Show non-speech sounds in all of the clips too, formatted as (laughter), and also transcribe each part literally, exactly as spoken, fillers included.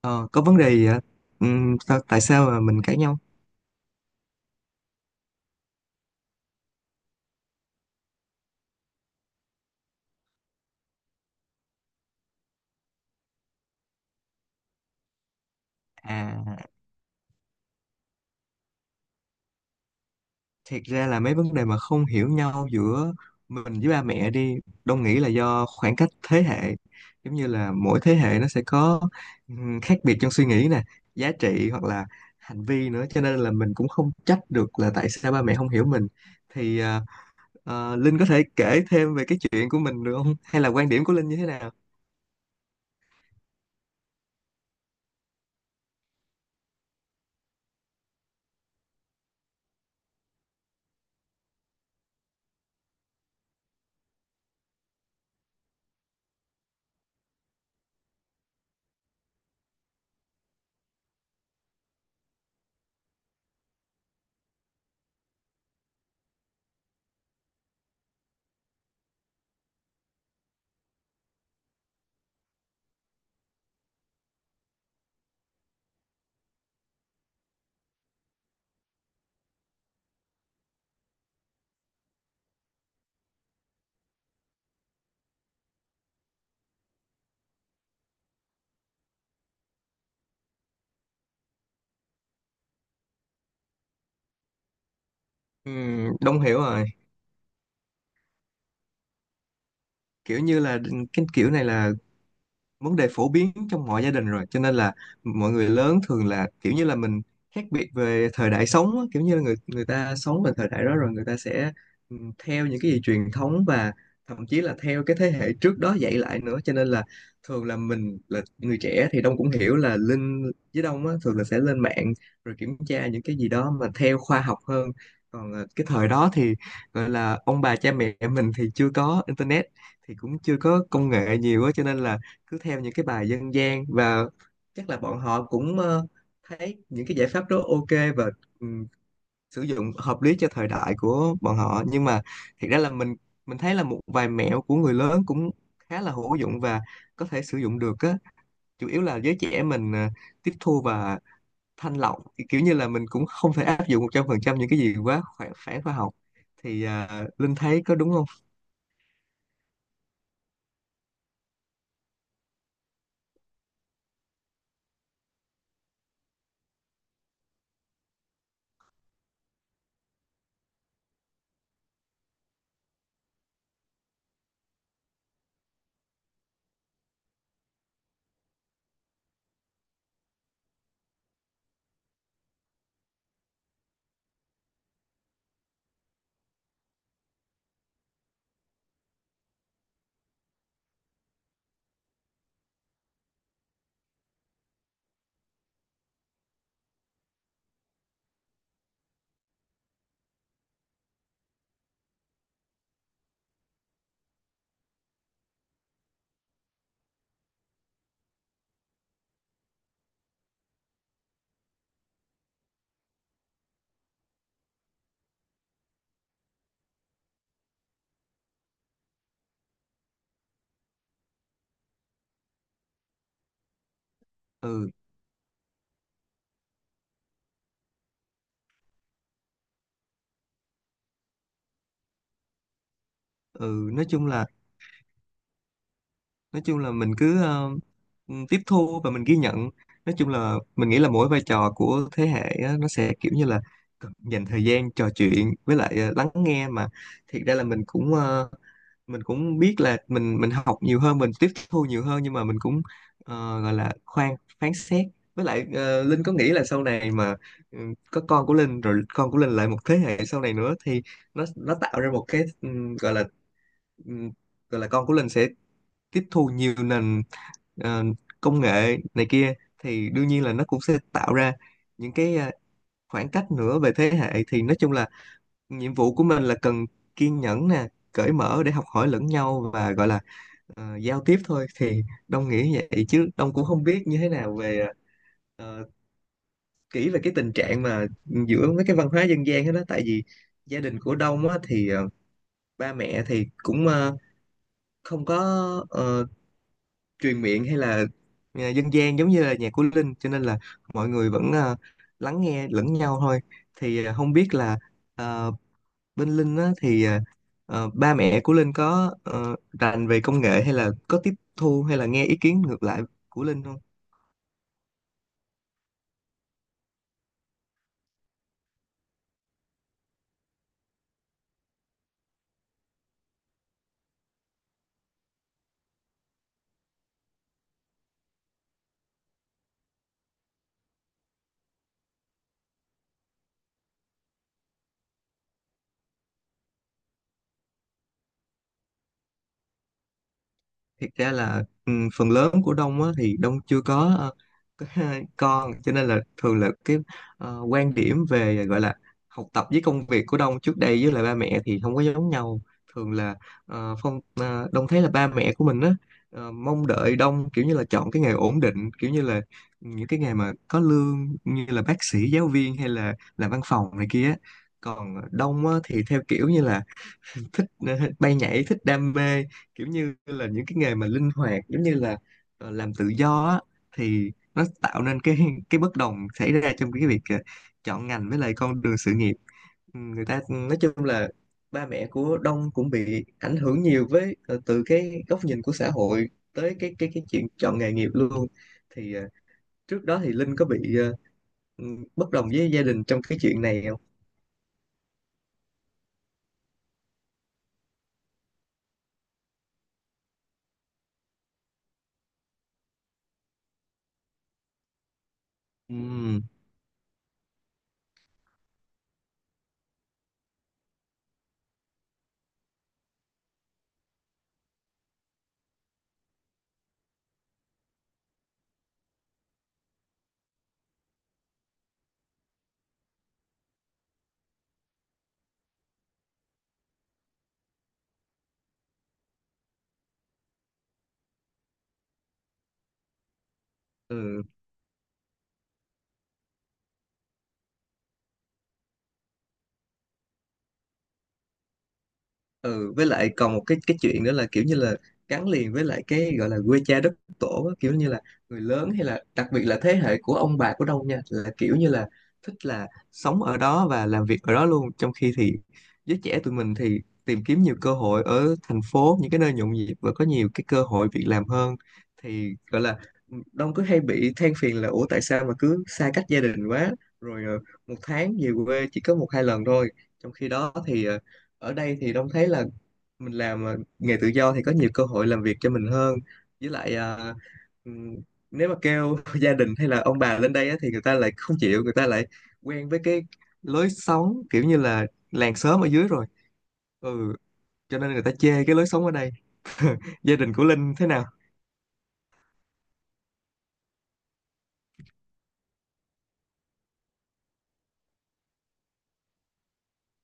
Ờ, có vấn đề gì ạ? Ừm, sao, tại sao mà mình cãi nhau? À, Thiệt ra là mấy vấn đề mà không hiểu nhau giữa mình với ba mẹ đi, Đông nghĩ là do khoảng cách thế hệ. Giống như là mỗi thế hệ nó sẽ có ừm, khác biệt trong suy nghĩ nè, giá trị hoặc là hành vi nữa. Cho nên là mình cũng không trách được là tại sao ba mẹ không hiểu mình. Thì à, ờ, Linh có thể kể thêm về cái chuyện của mình được không? Hay là quan điểm của Linh như thế nào? Ừm, Đông hiểu rồi. Kiểu như là cái kiểu này là vấn đề phổ biến trong mọi gia đình rồi cho nên là mọi người lớn thường là kiểu như là mình khác biệt về thời đại sống á, kiểu như là người người ta sống về thời đại đó rồi người ta sẽ ừ, theo những cái gì truyền thống và thậm chí là theo cái thế hệ trước đó dạy lại nữa, cho nên là thường là mình là người trẻ thì Đông cũng hiểu là Linh với Đông á, thường là sẽ lên mạng rồi kiểm tra những cái gì đó mà theo khoa học hơn. Còn ờ, cái thời đó thì gọi là ông bà cha mẹ mình thì chưa có internet thì cũng chưa có công nghệ nhiều á, cho nên là cứ theo những cái bài dân gian, và chắc là bọn họ cũng ờ, thấy những cái giải pháp đó ok và ừ, sử dụng hợp lý cho thời đại của bọn họ. Nhưng mà thiệt ra là mình mình thấy là một vài mẹo của người lớn cũng khá là hữu dụng và có thể sử dụng được á. Chủ yếu là giới trẻ mình ờ, tiếp thu và thanh lọc, kiểu như là mình cũng không thể áp dụng một trăm phần trăm những cái gì quá phản, phản khoa học. thì à, Linh thấy có đúng không? ừ ừ nói chung là, nói chung là mình cứ ờ, ừ, tiếp thu và mình ghi nhận. Nói chung là mình nghĩ là mỗi vai trò của thế hệ á, nó sẽ kiểu như là cần dành thời gian trò chuyện với lại ờ, lắng nghe. Mà thiệt ra là mình cũng ờ, mình cũng biết là mình mình học nhiều hơn, mình tiếp thu nhiều hơn, nhưng mà mình cũng ờ, gọi là khoan phán xét. Với lại ờ, Linh có nghĩ là sau này mà ừ, có con của Linh rồi con của Linh lại một thế hệ sau này nữa thì nó nó tạo ra một cái ừ, gọi là ừ, gọi là con của Linh sẽ tiếp thu nhiều nền ờ, công nghệ này kia, thì đương nhiên là nó cũng sẽ tạo ra những cái ờ, khoảng cách nữa về thế hệ. Thì nói chung là nhiệm vụ của mình là cần kiên nhẫn nè, cởi mở để học hỏi lẫn nhau, và gọi là ờ, giao tiếp thôi. Thì Đông nghĩ vậy, chứ Đông cũng không biết như thế nào về ờ, kỹ về cái tình trạng mà giữa mấy cái văn hóa dân gian hết đó. Tại vì gia đình của Đông á, thì ờ, ba mẹ thì cũng ờ, không có ờ, truyền miệng hay là à, dân gian giống như là nhạc của Linh, cho nên là mọi người vẫn à, lắng nghe lẫn nhau thôi. Thì à, không biết là à, bên Linh á, thì à, ờ, ba mẹ của Linh có ờ, rành về công nghệ hay là có tiếp thu hay là nghe ý kiến ngược lại của Linh không? Thiệt ra là ừ, phần lớn của Đông á, thì Đông chưa có ờ, có (laughs) con, cho nên là thường là cái ờ, quan điểm về gọi là học tập với công việc của Đông trước đây với lại ba mẹ thì không có giống nhau. Thường là ờ, phong ờ, Đông thấy là ba mẹ của mình á ờ, mong đợi Đông kiểu như là chọn cái nghề ổn định, kiểu như là những cái nghề mà có lương như là bác sĩ, giáo viên hay là làm văn phòng này kia á. Còn Đông á, thì theo kiểu như là thích ờ, bay nhảy, thích đam mê, kiểu như là những cái nghề mà linh hoạt giống như là ờ, làm tự do á, thì nó tạo nên cái cái bất đồng xảy ra trong cái việc ờ, chọn ngành với lại con đường sự nghiệp. Ừ, người ta nói chung là ba mẹ của Đông cũng bị ảnh hưởng nhiều với ờ, từ cái góc nhìn của xã hội tới cái cái cái chuyện chọn nghề nghiệp luôn. Thì ờ, trước đó thì Linh có bị ờ, ừ, bất đồng với gia đình trong cái chuyện này không? Ừ. Ừ. ừ với lại còn một cái cái chuyện nữa là kiểu như là gắn liền với lại cái gọi là quê cha đất tổ á, kiểu như là người lớn hay là đặc biệt là thế hệ của ông bà của Đông nha, là kiểu như là thích là sống ở đó và làm việc ở đó luôn, trong khi thì giới trẻ tụi mình thì tìm kiếm nhiều cơ hội ở thành phố, những cái nơi nhộn nhịp và có nhiều cái cơ hội việc làm hơn. Thì gọi là Đông cứ hay bị than phiền là ủa tại sao mà cứ xa cách gia đình quá, rồi ờ, một tháng về quê chỉ có một hai lần thôi. Trong khi đó thì ờ, ở đây thì Đông thấy là mình làm ờ, nghề tự do thì có nhiều cơ hội làm việc cho mình hơn. Với lại ờ, ừm, nếu mà kêu (laughs) gia đình hay là ông bà lên đây á, thì người ta lại không chịu, người ta lại quen với cái lối sống kiểu như là làng xóm ở dưới rồi. ừ cho nên người ta chê cái lối sống ở đây. Gia đình của Linh thế nào?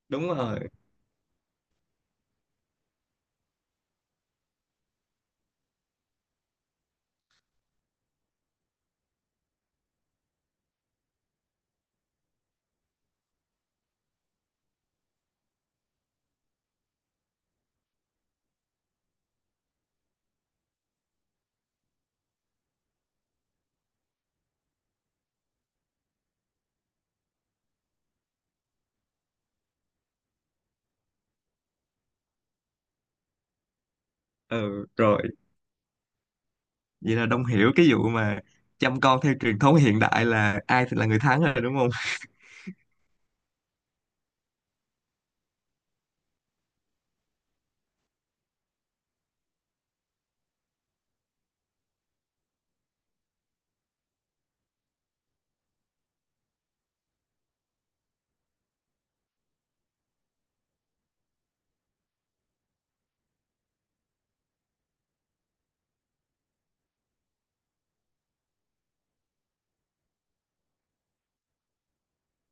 Đúng rồi. ừ Rồi vậy là Đông hiểu cái vụ mà chăm con theo truyền thống hiện đại là ai thì là người thắng rồi đúng không?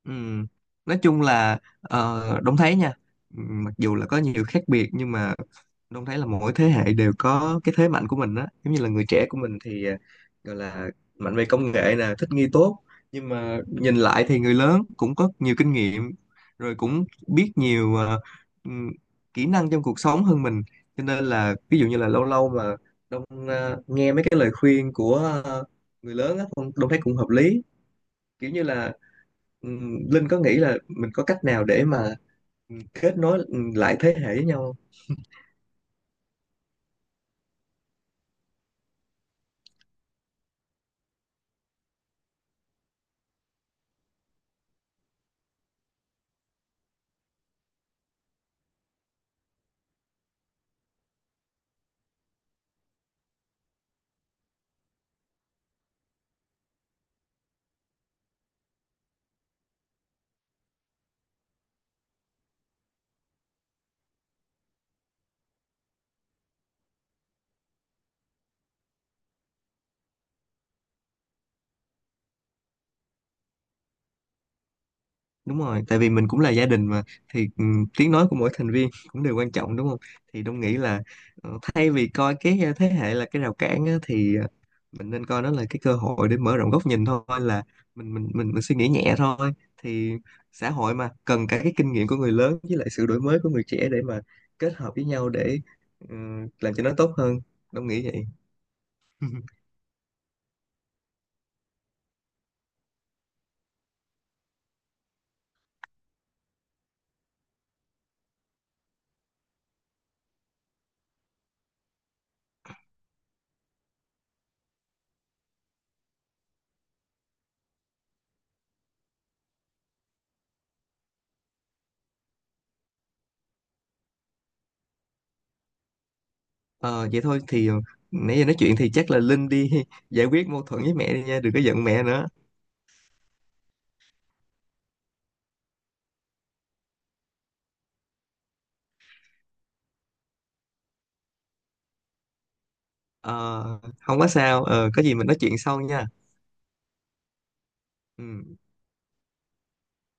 Ừm, Nói chung là ờ, Đông thấy nha, ừm, mặc dù là có nhiều khác biệt nhưng mà Đông thấy là mỗi thế hệ đều có cái thế mạnh của mình á. Giống như là người trẻ của mình thì ờ, gọi là mạnh về công nghệ nè, thích nghi tốt, nhưng mà nhìn lại thì người lớn cũng có nhiều kinh nghiệm, rồi cũng biết nhiều ờ, ừm, kỹ năng trong cuộc sống hơn mình. Cho nên là ví dụ như là lâu lâu mà Đông ờ, nghe mấy cái lời khuyên của ờ, người lớn á, Đông Đông thấy cũng hợp lý. Kiểu như là ừm, Linh có nghĩ là mình có cách nào để mà ừm, kết nối ừm, lại thế hệ với nhau không? Đúng rồi, tại vì mình cũng là gia đình mà, thì ừm, tiếng nói của mỗi thành viên (laughs) cũng đều quan trọng đúng không? Thì Đông nghĩ là ờ, thay vì coi cái ờ, thế hệ là cái rào cản á, thì ờ, mình nên coi nó là cái cơ hội để mở rộng góc nhìn thôi, là mình mình mình, mình suy nghĩ nhẹ thôi. Thì xã hội mà cần cả cái kinh nghiệm của người lớn với lại sự đổi mới của người trẻ để mà kết hợp với nhau để ừm, làm cho nó tốt hơn. Đông nghĩ vậy. (laughs) Ờ vậy thôi thì ờ, nãy giờ nói chuyện thì chắc là Linh đi (laughs) giải quyết mâu thuẫn với mẹ đi nha, đừng có giận mẹ nữa. Ờ, không có sao, ờ có gì mình nói chuyện sau nha. Ừ.